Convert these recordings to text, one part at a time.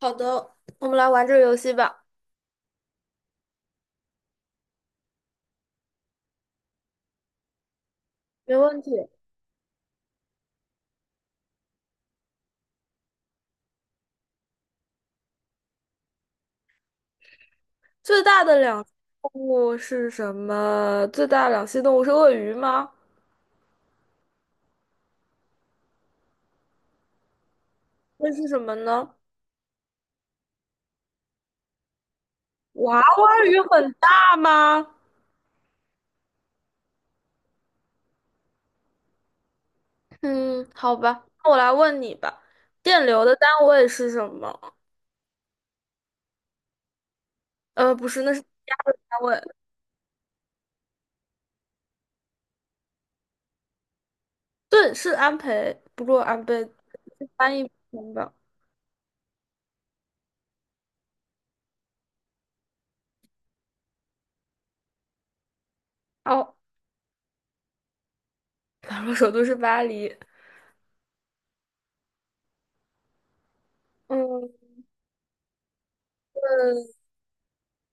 好的，我们来玩这个游戏吧。没问题。最大的两栖动物是什么？最大的两栖动物是鳄鱼吗？那是什么呢？娃娃鱼很大吗？嗯，好吧，那我来问你吧。电流的单位是什么？不是，那是压的单位。对，是安培，不过安培翻译成同吧。哦，法国首都是巴黎。嗯，呃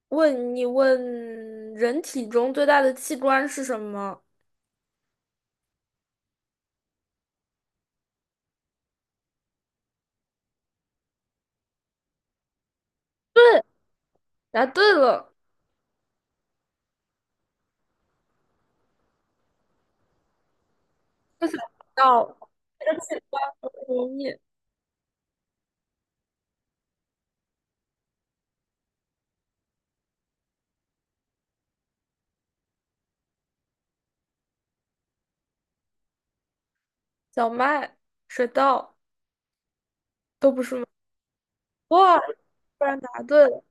问人体中最大的器官是什么？对，答对了，到这个器官很容易，小麦、水稻都不是吗？哇，突然答对了。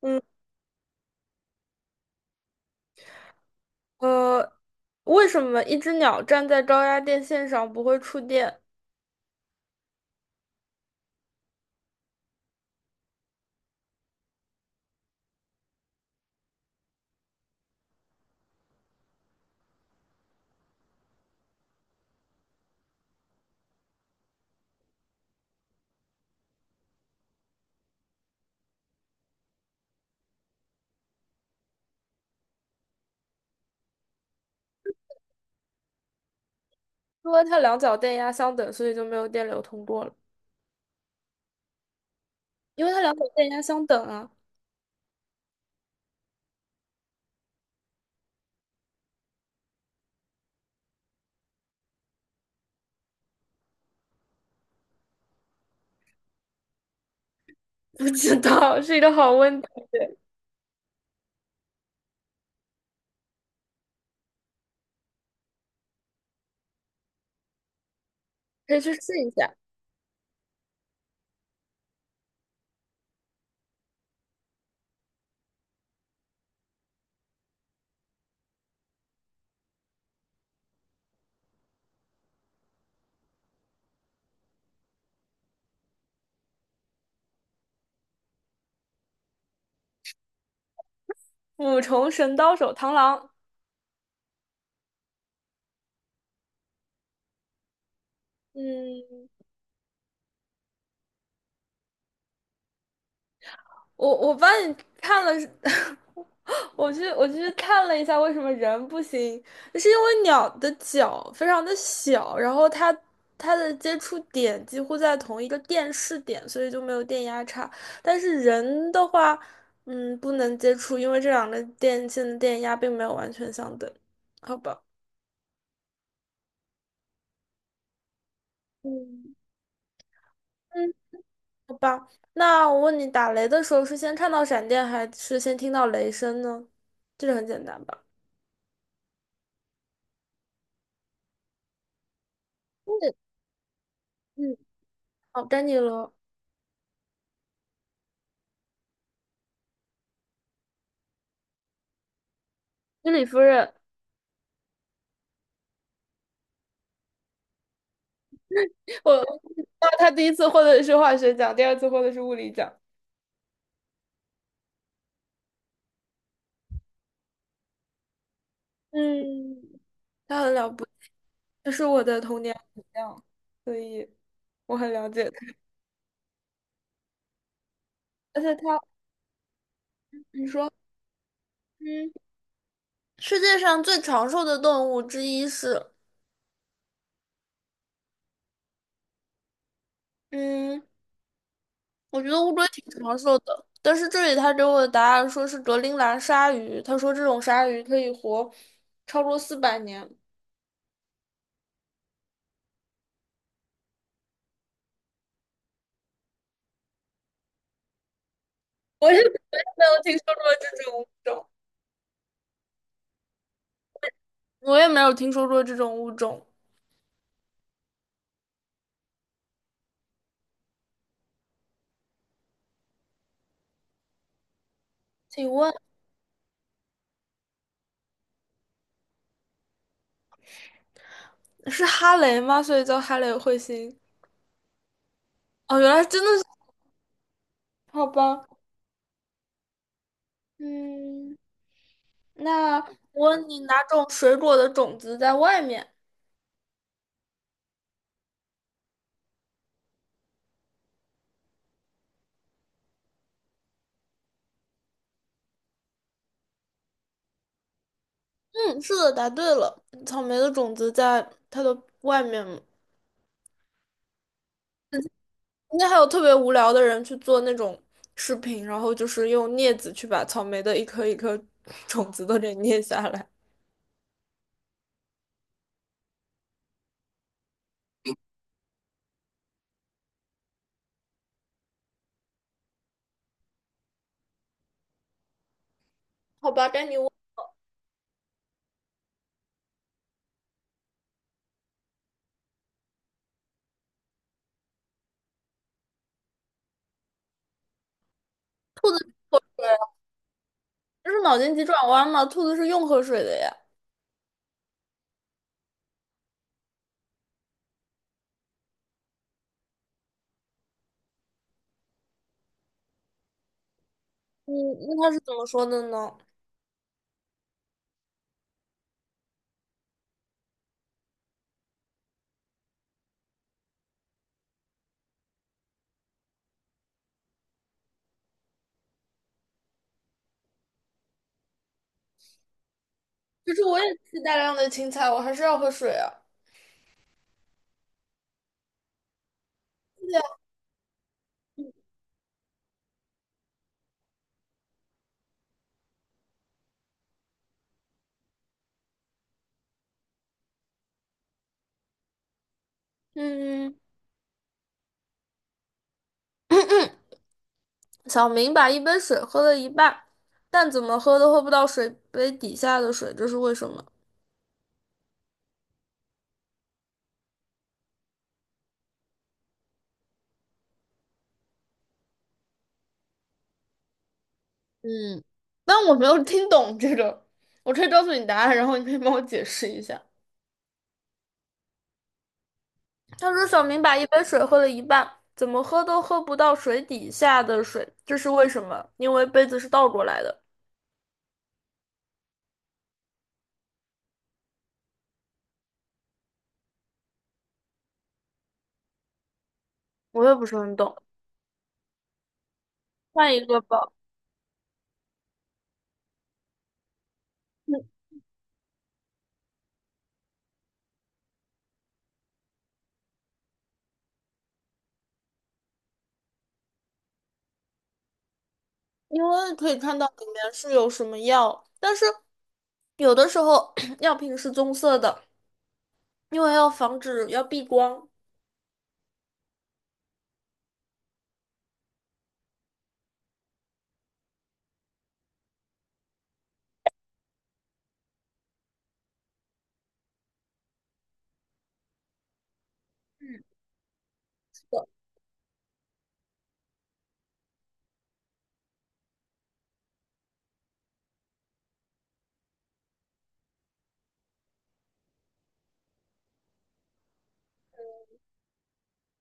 嗯，呃，为什么一只鸟站在高压电线上不会触电？因为它两脚电压相等，所以就没有电流通过了。因为它两脚电压相等啊。不知道 是一个好问题，可以去试一下。五重神刀手螳螂，嗯。我帮你看了，我去看了一下为什么人不行，是因为鸟的脚非常的小，然后它的接触点几乎在同一个电势点，所以就没有电压差。但是人的话，不能接触，因为这两个电线的电压并没有完全相等，好吧？嗯嗯，好吧。那我问你，打雷的时候是先看到闪电，还是先听到雷声呢？这个很简单吧？嗯。哦，丹尼罗，居里夫人，我，那他第一次获得的是化学奖，第二次获得是物理奖。嗯，他很了不起，他是我的童年偶像，所以我很了解他。而且他，你说，嗯，世界上最长寿的动物之一是，嗯，我觉得乌龟挺长寿的，但是这里他给我的答案说是格陵兰鲨鱼，他说这种鲨鱼可以活超过400年，我是没有听说过这种物种。我也没有听说过这种物种。请问是哈雷吗？所以叫哈雷彗星。哦，原来真的是，好吧。嗯，那我问你，哪种水果的种子在外面？嗯，是的，答对了。草莓的种子在它的外面嘛。那还有特别无聊的人去做那种视频，然后就是用镊子去把草莓的一颗一颗 种子都给捏下来。好吧，该你问我了。这是脑筋急转弯吗？兔子是用喝水的呀。嗯，那他是怎么说的呢？就是我也吃大量的青菜，我还是要喝水啊。对呀，嗯，小明把一杯水喝了一半，但怎么喝都喝不到水杯底下的水，这是为什么？嗯，但我没有听懂这个，我可以告诉你答案，然后你可以帮我解释一下。他说小明把一杯水喝了一半，怎么喝都喝不到水底下的水，这是为什么？因为杯子是倒过来的。我也不是很懂，换一个吧。因为可以看到里面是有什么药，但是有的时候 药瓶是棕色的，因为要防止要避光。嗯是的，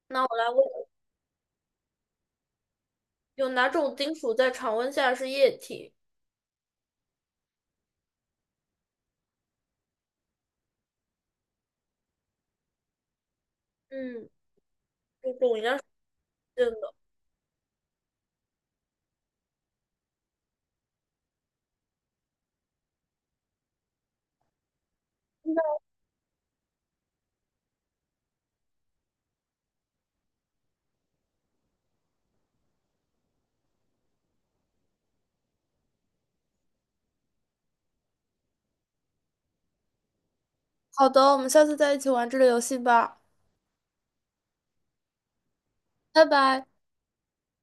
那我来问有哪种金属在常温下是液体？嗯，这种应该是不见的。好的，我们下次再一起玩这个游戏吧，拜拜。